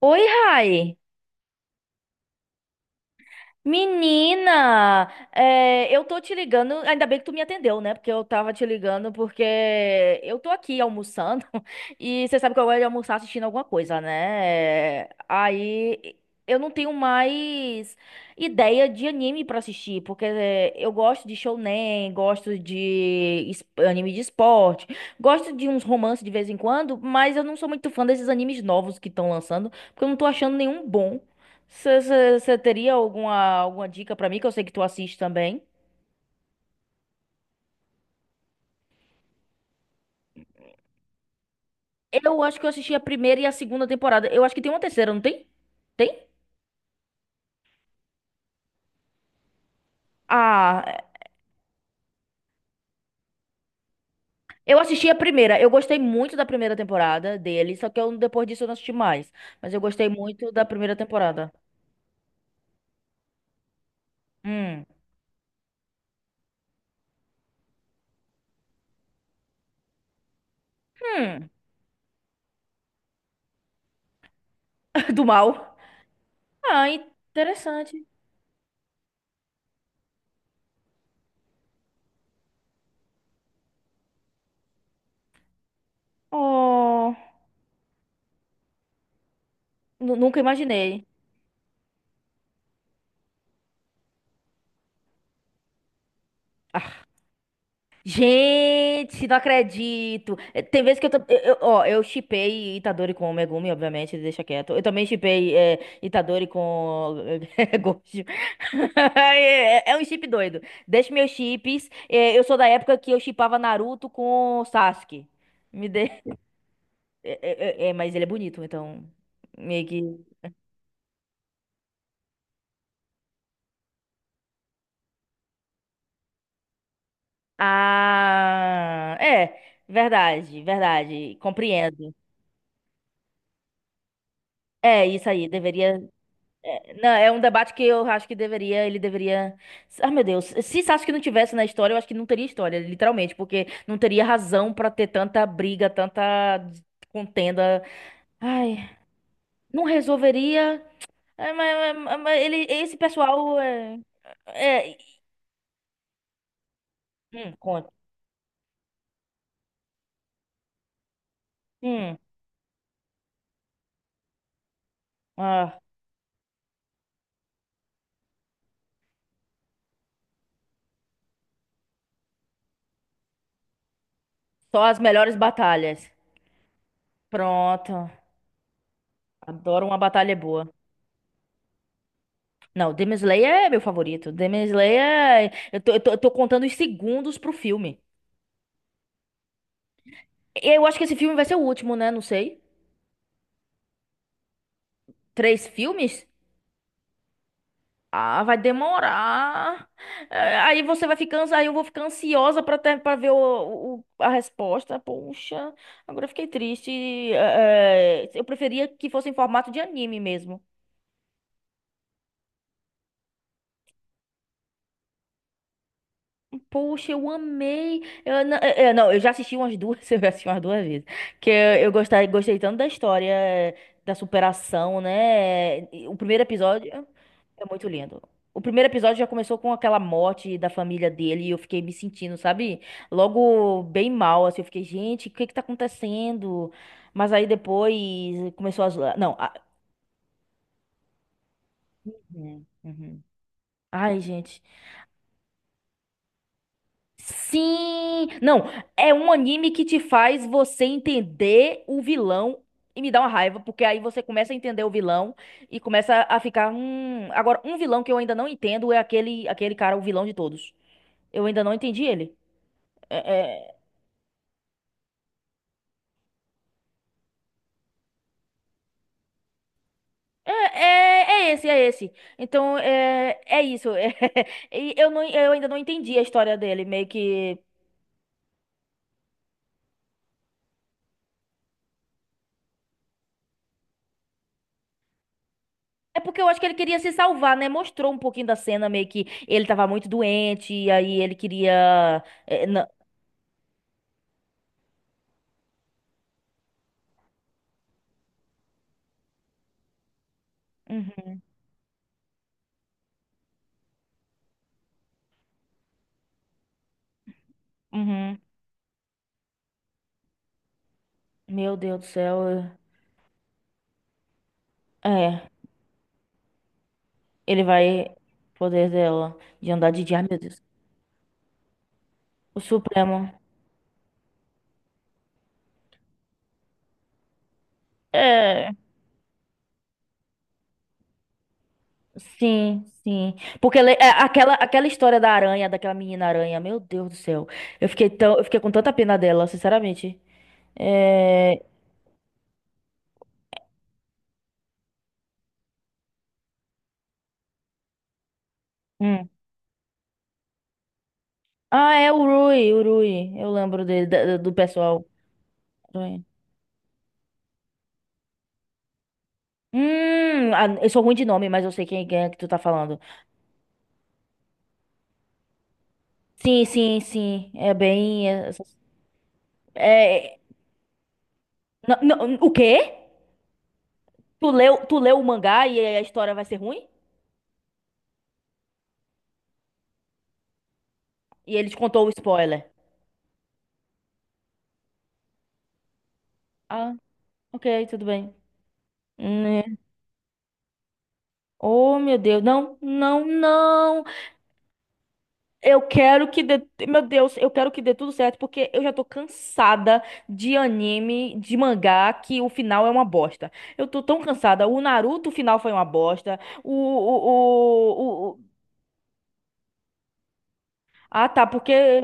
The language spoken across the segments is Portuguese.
Oi, Rai. Menina, eu tô te ligando, ainda bem que tu me atendeu, né? Porque eu tava te ligando porque eu tô aqui almoçando e você sabe que eu gosto de almoçar assistindo alguma coisa, né? Aí eu não tenho mais ideia de anime pra assistir, porque eu gosto de shounen, gosto de anime de esporte, gosto de uns romances de vez em quando, mas eu não sou muito fã desses animes novos que estão lançando, porque eu não tô achando nenhum bom. Você teria alguma dica pra mim, que eu sei que tu assiste também? Eu acho que eu assisti a primeira e a segunda temporada. Eu acho que tem uma terceira, não tem? Tem? Ah, eu assisti a primeira. Eu gostei muito da primeira temporada dele, depois disso eu não assisti mais. Mas eu gostei muito da primeira temporada. Hum. Hum. Do mal. Ah, interessante. Oh, nunca imaginei. Gente, não acredito. Tem vezes que eu, tô- eu- ó, eu shippei Itadori com o Megumi, obviamente, deixa quieto. Eu também shippei Itadori com Gojo. É um chip doido. Deixa meus chips. Eu sou da época que eu shippava Naruto com Sasuke. Me dê. É, mas ele é bonito, então meio que. Ah, é, verdade, verdade. Compreendo. É isso aí, deveria. É, não, é um debate que eu acho que deveria, ele deveria. Ah, meu Deus, se isso acho que não tivesse na história, eu acho que não teria história, literalmente, porque não teria razão pra ter tanta briga, tanta contenda. Ai, não resolveria. É, mas ele, esse pessoal é, conta. Hum, ah, só as melhores batalhas. Pronto. Adoro uma batalha boa. Não, Demon Slayer é meu favorito. Eu tô, eu tô contando os segundos pro filme. Eu acho que esse filme vai ser o último, né? Não sei. Três filmes? Ah, vai demorar. Aí você vai ficar, ansi- aí eu vou ficar ansiosa pra ter, para ver a resposta. Poxa, agora eu fiquei triste. Eu preferia que fosse em formato de anime mesmo. Poxa, eu amei. Eu, não, eu, não, eu já assisti umas duas, eu já assisti umas duas vezes. Que eu gostei, gostei tanto da história, da superação, né? E o primeiro episódio é muito lindo. O primeiro episódio já começou com aquela morte da família dele e eu fiquei me sentindo, sabe? Logo bem mal, assim, eu fiquei, gente, o que é que tá acontecendo? Mas aí depois começou a zoar. Não, a... Uhum, uhum. Ai, gente. Sim! Não, é um anime que te faz você entender o vilão e me dá uma raiva, porque aí você começa a entender o vilão e começa a ficar, Agora, um vilão que eu ainda não entendo é aquele cara, o vilão de todos. Eu ainda não entendi ele. É, é esse, é esse. Então, é isso. E eu ainda não entendi a história dele, meio que... É porque eu acho que ele queria se salvar, né? Mostrou um pouquinho da cena, meio que ele tava muito doente, e aí ele queria. Uhum, uhum. Meu Deus do céu. É, É, ele vai. Poder dela de andar de dia. Ai, meu Deus. O Supremo. É, sim, sim. Porque ele- é, aquela, aquela história da aranha, daquela menina aranha, meu Deus do céu. Eu fiquei tão, eu fiquei com tanta pena dela, sinceramente. É. Hum. Ah, é o o Rui. Eu lembro dele, do pessoal. Ah, eu sou ruim de nome, mas eu sei quem é que tu tá falando. Sim, sim, sim. É bem. É- não, não, o quê? Tu leu o mangá e a história vai ser ruim? E ele te contou o spoiler. Ah, ok, tudo bem. Né? Oh, meu Deus. Não, não, não. Eu quero que dê, meu Deus, eu quero que dê tudo certo porque eu já tô cansada de anime, de mangá que o final é uma bosta. Eu tô tão cansada. O Naruto o final foi uma bosta. Ah, tá, porque.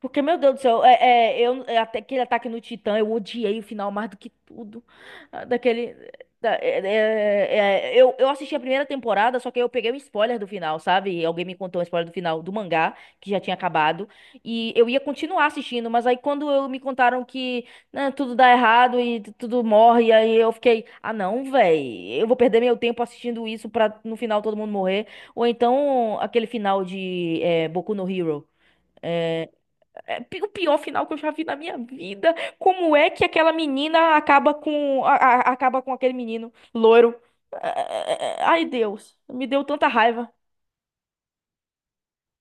Porque, meu Deus do céu, até aquele ataque no Titã, eu odiei o final mais do que tudo. Ah, daquele. Eu assisti a primeira temporada, só que eu peguei um spoiler do final, sabe? Alguém me contou um spoiler do final do mangá, que já tinha acabado. E eu ia continuar assistindo, mas aí quando eu me contaram que né, tudo dá errado e tudo morre, aí eu fiquei, ah não, véi, eu vou perder meu tempo assistindo isso pra no final todo mundo morrer. Ou então aquele final de Boku no Hero. é, o pior final que eu já vi na minha vida. Como é que aquela menina acaba com acaba com aquele menino loiro? Ai, Deus, me deu tanta raiva.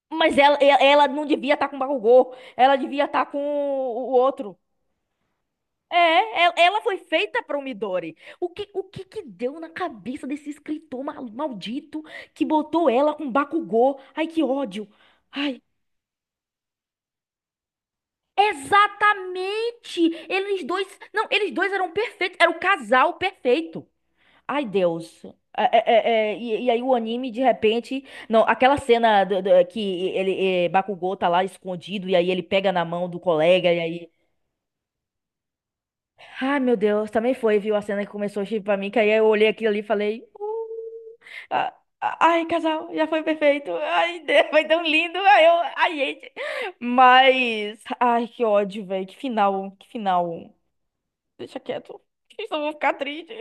Mas ela não devia estar com o Bakugou, ela devia estar com o outro. Ela foi feita para o Midori. O que que deu na cabeça desse escritor maldito que botou ela com Bakugou? Ai, que ódio. Exatamente! Eles dois. Não, eles dois eram perfeitos. Era o casal perfeito. Ai, Deus. E aí o anime, de repente. Não, aquela cena que Bakugou tá lá escondido, e aí ele pega na mão do colega, e aí. Ai, meu Deus, também foi, viu? A cena que começou a chip pra mim, que aí eu olhei aquilo ali e falei. "Ah, Ai, casal, já foi perfeito. Ai, Deus, foi tão lindo. Ai, gente. Mas, ai, que ódio, velho. Que final, que final. Deixa quieto. Só vou ficar triste.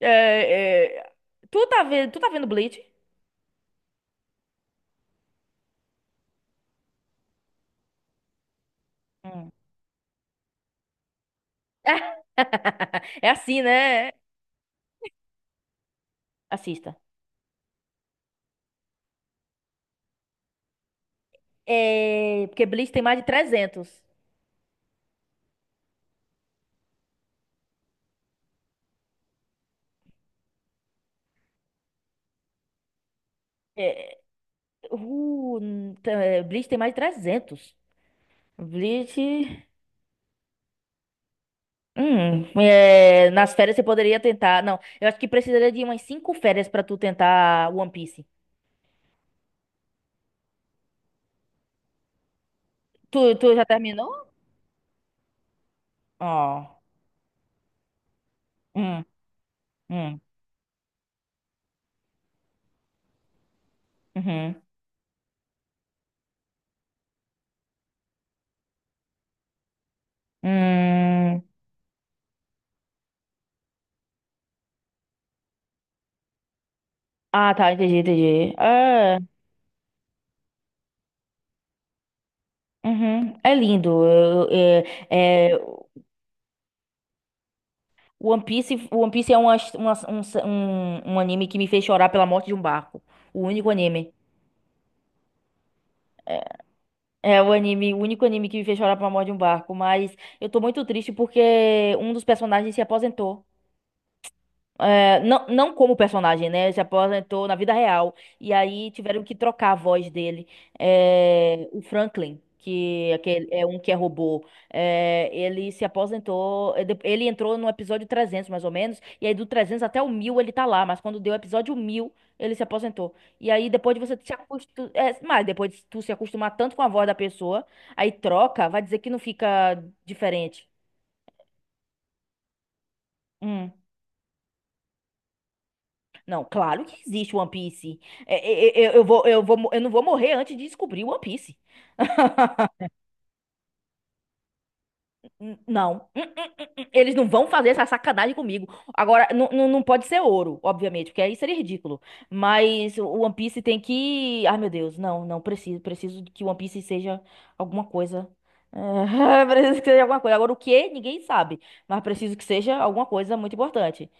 É, é, tu tá vendo Bleach? Hum. É assim, né? Assista. É, porque Bleach tem mais de 300. É, Bleach tem mais de 300. Bleach. É, nas férias você poderia tentar. Não, eu acho que precisaria de umas cinco férias pra tu tentar One Piece. Tu, tu já terminou? Ó. Hum, hum, uhum. Hum. Ah, tá, entendi, entendi. É, uhum, é lindo. É, é, One Piece, é uma, um anime que me fez chorar pela morte de um barco. O único anime. É é o anime, o único anime que me fez chorar pela morte de um barco. Mas eu tô muito triste porque um dos personagens se aposentou. É, não, não como personagem, né? Ele se aposentou na vida real. E aí tiveram que trocar a voz dele. É, o Franklin, que é é um que é robô, ele se aposentou. Ele entrou no episódio 300, mais ou menos. E aí do 300 até o 1000 ele tá lá. Mas quando deu o episódio 1000 ele se aposentou. E aí depois de você se acostumar. Mas depois de tu se acostumar tanto com a voz da pessoa, aí troca, vai dizer que não fica diferente. Hum. Não, claro que existe One Piece. É, eu vou, eu não vou morrer antes de descobrir One Piece. Não. Eles não vão fazer essa sacanagem comigo. Agora, não, não, não pode ser ouro, obviamente, porque aí seria ridículo. Mas o One Piece tem que. Ai, meu Deus, não, não preciso. Preciso que o One Piece seja alguma coisa. É, preciso que seja alguma coisa. Agora, o que? Ninguém sabe. Mas preciso que seja alguma coisa muito importante.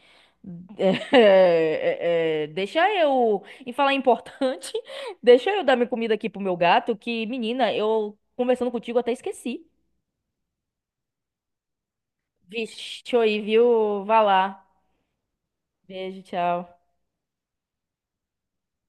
Deixa eu. E falar importante, deixa eu dar minha comida aqui pro meu gato, que, menina, eu conversando contigo até esqueci. Vixe, aí, viu? Vá lá. Beijo, tchau.